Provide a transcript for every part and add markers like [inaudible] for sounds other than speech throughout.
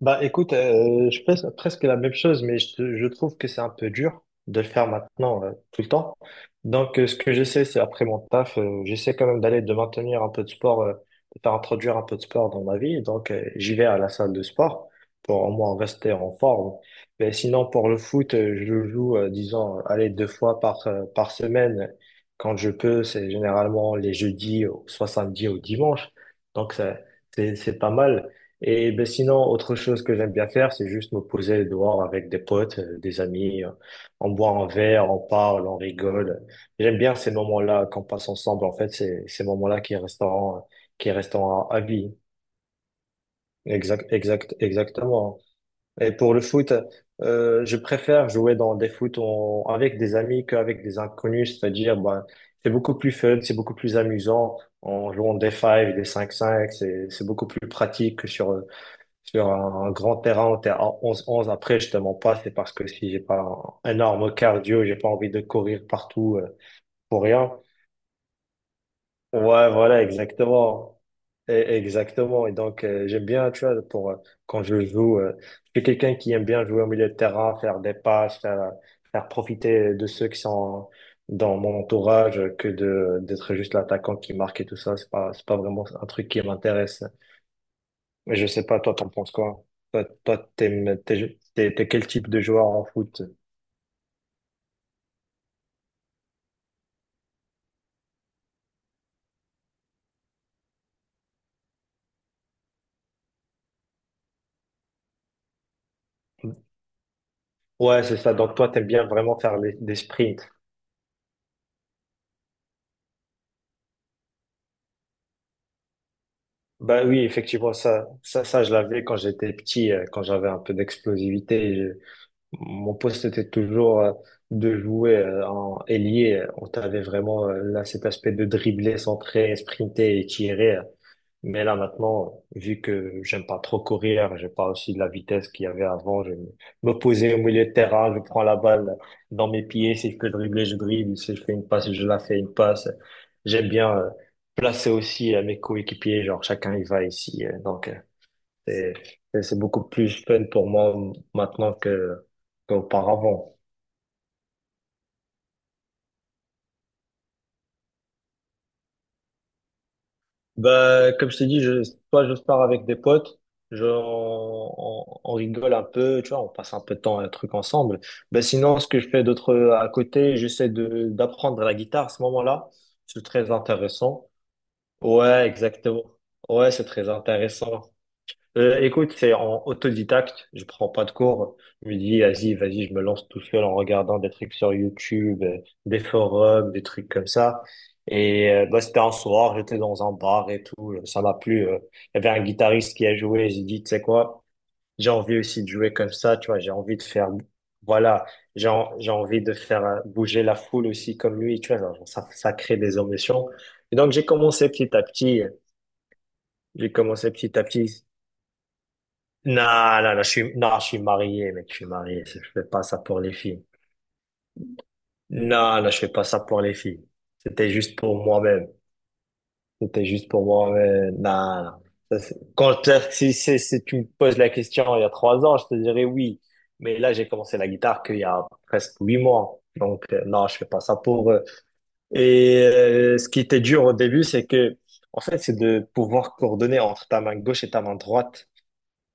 Bah écoute, je fais presque la même chose, mais je trouve que c'est un peu dur de le faire maintenant tout le temps. Donc ce que j'essaie, c'est après mon taf, j'essaie quand même d'aller de maintenir un peu de sport, de faire introduire un peu de sport dans ma vie. Donc j'y vais à la salle de sport pour au moins rester en forme. Mais sinon pour le foot, je joue, disons, allez, deux fois par semaine. Quand je peux, c'est généralement les jeudis, soit samedi ou dimanche. Donc ça, c'est pas mal. Et ben sinon, autre chose que j'aime bien faire, c'est juste me poser dehors avec des potes, des amis. On boit un verre, on parle, on rigole. J'aime bien ces moments-là qu'on passe ensemble. En fait, c'est ces moments-là qui resteront à vie. Exact, exact, exactement. Et pour le foot, je préfère jouer dans des foot avec des amis qu'avec des inconnus. C'est-à-dire, ben, c'est beaucoup plus fun, c'est beaucoup plus amusant en jouant des 5, des 5-5. C'est beaucoup plus pratique que sur un grand terrain en en 11-11. Après, je te mens pas, c'est parce que si j'ai pas un énorme cardio, j'ai pas envie de courir partout pour rien. Ouais, voilà, exactement. Exactement. Et donc, j'aime bien, tu vois, pour, quand je joue, je suis quelqu'un qui aime bien jouer au milieu de terrain, faire des passes, faire profiter de ceux qui sont dans mon entourage que d'être juste l'attaquant qui marque et tout ça. C'est pas vraiment un truc qui m'intéresse. Mais je sais pas, toi, t'en penses quoi? Toi, t'es quel type de joueur en foot? Ouais, c'est ça. Donc, toi, t'aimes bien vraiment faire des sprints. Bah oui, effectivement, ça, je l'avais quand j'étais petit, quand j'avais un peu d'explosivité. Mon poste était toujours de jouer en ailier. On avait vraiment là cet aspect de dribbler, centrer, sprinter et tirer. Mais là, maintenant, vu que j'aime pas trop courir, j'ai pas aussi de la vitesse qu'il y avait avant, je vais me poser au milieu de terrain, je prends la balle dans mes pieds, si je peux dribbler, je dribble, si je fais une passe, je la fais une passe. J'aime bien placer aussi mes coéquipiers, genre chacun il va ici. Donc, c'est, c'est beaucoup plus fun pour moi maintenant qu'auparavant. Bah, comme je t'ai dit, soit je pars avec des potes, je, on rigole un peu, tu vois, on passe un peu de temps, un truc ensemble. Bah, sinon, ce que je fais d'autre à côté, j'essaie de d'apprendre la guitare à ce moment-là. C'est très intéressant. Ouais, exactement. Ouais, c'est très intéressant. Écoute, c'est en autodidacte. Je prends pas de cours. Je me dis, vas-y, vas-y, je me lance tout seul en regardant des trucs sur YouTube, des forums, des trucs comme ça. Et bah, c'était un soir, j'étais dans un bar et tout. Ça m'a plu. Il y avait un guitariste qui a joué. J'ai dit, tu sais quoi, j'ai envie aussi de jouer comme ça. Tu vois, j'ai envie de faire, voilà, j'ai envie de faire bouger la foule aussi comme lui. Tu vois, genre, ça crée des ambitions. Et donc j'ai commencé petit à petit. J'ai commencé petit à petit. Non, non, non, non, je suis marié, mec, je suis marié. Je fais pas ça pour les filles. Non, non, je fais pas ça pour les filles. C'était juste pour moi-même. C'était juste pour moi-même. Non, non. Ça, c'est- Quand, t'as- si, si, si tu me poses la question il y a 3 ans, je te dirais oui. Mais là, j'ai commencé la guitare qu'il y a presque 8 mois. Donc, non, je fais pas ça pour eux. Et ce qui était dur au début, c'est que, en fait, c'est de pouvoir coordonner entre ta main gauche et ta main droite.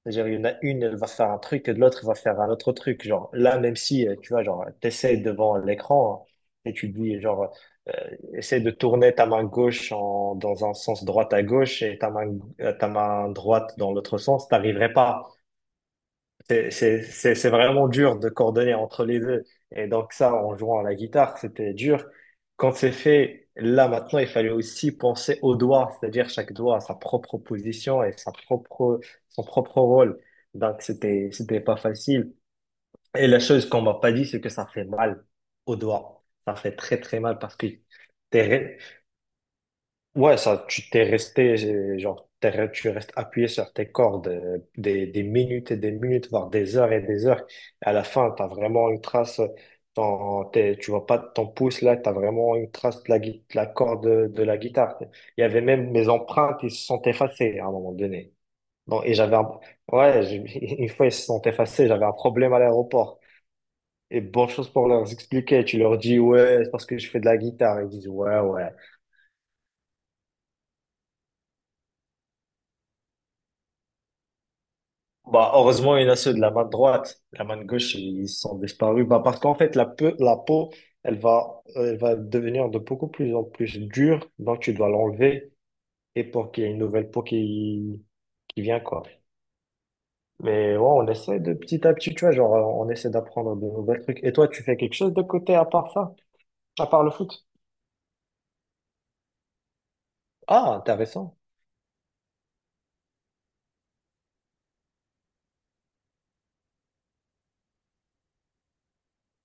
C'est-à-dire, il y en a une, elle va faire un truc, et l'autre va faire un autre truc. Genre, là, même si, tu vois, genre, t'essaies devant l'écran hein, et tu dis, genre, euh, essaie de tourner ta main gauche en, dans un sens droite à gauche et ta main droite dans l'autre sens, t'arriverais pas. C'est vraiment dur de coordonner entre les deux. Et donc ça, en jouant à la guitare, c'était dur. Quand c'est fait, là maintenant, il fallait aussi penser aux doigts, c'est-à-dire chaque doigt a sa propre position et sa propre, son propre rôle. Donc c'était, c'était pas facile. Et la chose qu'on m'a pas dit, c'est que ça fait mal aux doigts. Ça fait très très mal parce que t'es, ouais, ça, genre, tu restes appuyé sur tes cordes des minutes et des minutes, voire des heures et des heures. À la fin, t'as vraiment une trace, tu vois pas ton pouce là, t'as vraiment une trace de la corde de la guitare. Il y avait même mes empreintes, ils se sont effacées à un moment donné. Donc, et j'avais ouais, [laughs] une fois ils se sont effacés, j'avais un problème à l'aéroport. Et bonne chose pour leur expliquer, tu leur dis, ouais, c'est parce que je fais de la guitare. Ils disent, ouais, ouais. Bah, heureusement, il y en a ceux de la main droite. La main gauche, ils sont disparus. Bah, parce qu'en fait, la peau, elle va devenir de beaucoup plus en plus dure. Donc, tu dois l'enlever et pour qu'il y ait une nouvelle peau qui vient, quoi. Mais ouais, on essaie de petit à petit, tu vois, genre, on essaie d'apprendre de nouvelles trucs. Et toi, tu fais quelque chose de côté à part ça, à part le foot? Ah, intéressant.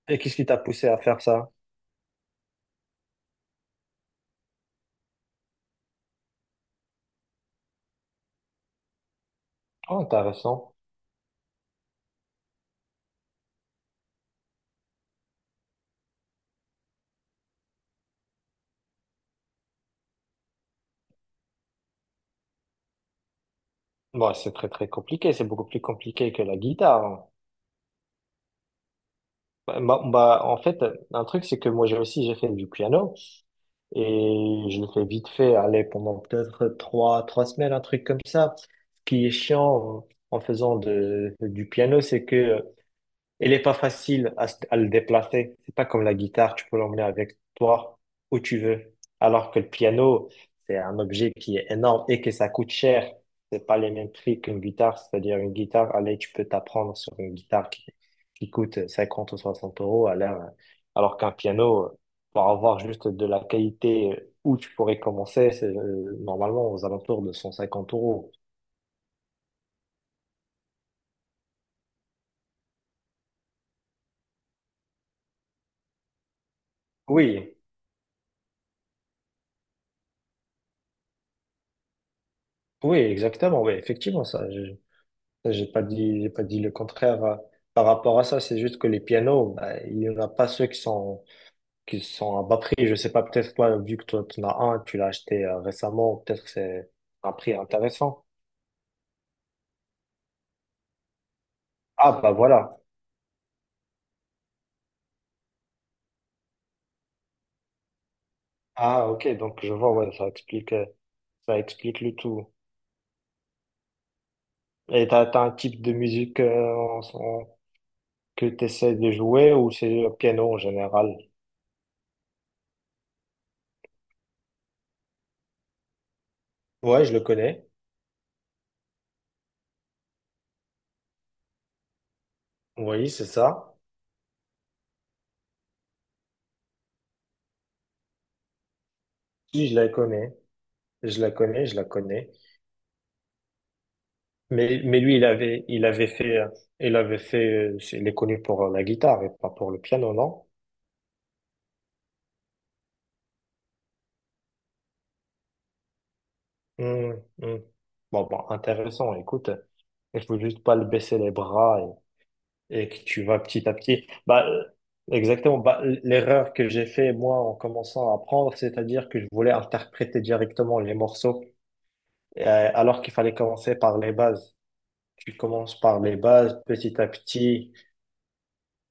Et qu'est-ce qui t'a poussé à faire ça? Ah, intéressant. Bon, c'est très, très compliqué. C'est beaucoup plus compliqué que la guitare. Bah, bah, bah, en fait, un truc, c'est que moi j'ai aussi j'ai fait du piano et je l'ai fais vite fait, aller pendant peut-être trois semaines, un truc comme ça. Ce qui est chiant en faisant de, du piano, c'est que elle n'est pas facile à le déplacer. C'est pas comme la guitare, tu peux l'emmener avec toi où tu veux. Alors que le piano, c'est un objet qui est énorme et que ça coûte cher. C'est pas les mêmes prix qu'une guitare. C'est-à-dire une guitare, allez, tu peux t'apprendre sur une guitare qui coûte 50 ou 60 euros à l'heure. Alors qu'un piano, pour avoir juste de la qualité où tu pourrais commencer, c'est normalement aux alentours de 150 euros. Oui, oui, exactement, oui, effectivement, ça. Ça, J'ai pas dit le contraire par rapport à ça. C'est juste que les pianos, bah, il n'y en a pas ceux qui sont à bas prix. Je sais pas, peut-être toi, vu que toi, tu en as un, tu l'as acheté récemment, peut-être que c'est un prix intéressant. Ah, bah voilà. Ah, ok. Donc, je vois, ouais, ça explique le tout. Et t'as un type de musique que tu essaies de jouer ou c'est le piano en général? Ouais, je le connais. Oui, c'est ça. Oui, je la connais. Je la connais, je la connais. Mais lui, il avait fait, il est connu pour la guitare et pas pour le piano, non? Hum, hum. Bon, bon, intéressant. Écoute, il faut juste pas le baisser les bras et que tu vas petit à petit. Bah, exactement. Bah, l'erreur que j'ai fait, moi, en commençant à apprendre, c'est-à-dire que je voulais interpréter directement les morceaux, alors qu'il fallait commencer par les bases. Tu commences par les bases, petit à petit.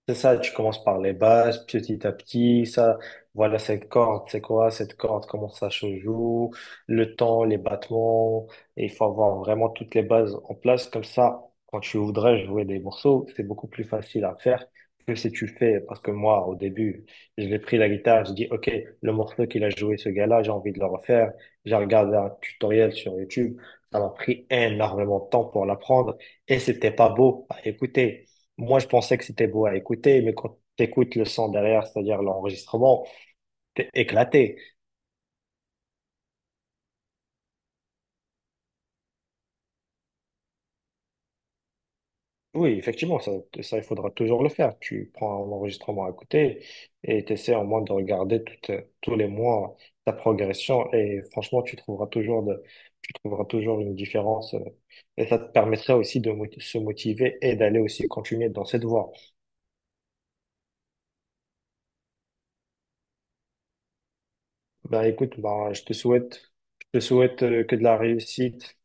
C'est ça, tu commences par les bases, petit à petit, ça, voilà cette corde, c'est quoi cette corde, comment ça se joue, le temps, les battements, et il faut avoir vraiment toutes les bases en place, comme ça, quand tu voudrais jouer des morceaux, c'est beaucoup plus facile à faire que si tu fais, parce que moi, au début, je l'ai pris la guitare, je dis, OK, le morceau qu'il a joué ce gars-là, j'ai envie de le refaire, j'ai regardé un tutoriel sur YouTube, ça m'a pris énormément de temps pour l'apprendre, et c'était pas beau à écouter. Moi, je pensais que c'était beau à écouter, mais quand t'écoutes le son derrière, c'est-à-dire l'enregistrement, t'es éclaté. Oui, effectivement, ça, il faudra toujours le faire. Tu prends l'enregistrement à côté et t'essaies au moins de regarder tous les mois ta progression et franchement, tu trouveras toujours une différence et ça te permettra aussi de se motiver et d'aller aussi continuer dans cette voie. Ben, écoute, ben, je te souhaite que de la réussite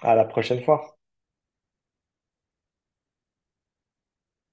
à la prochaine fois.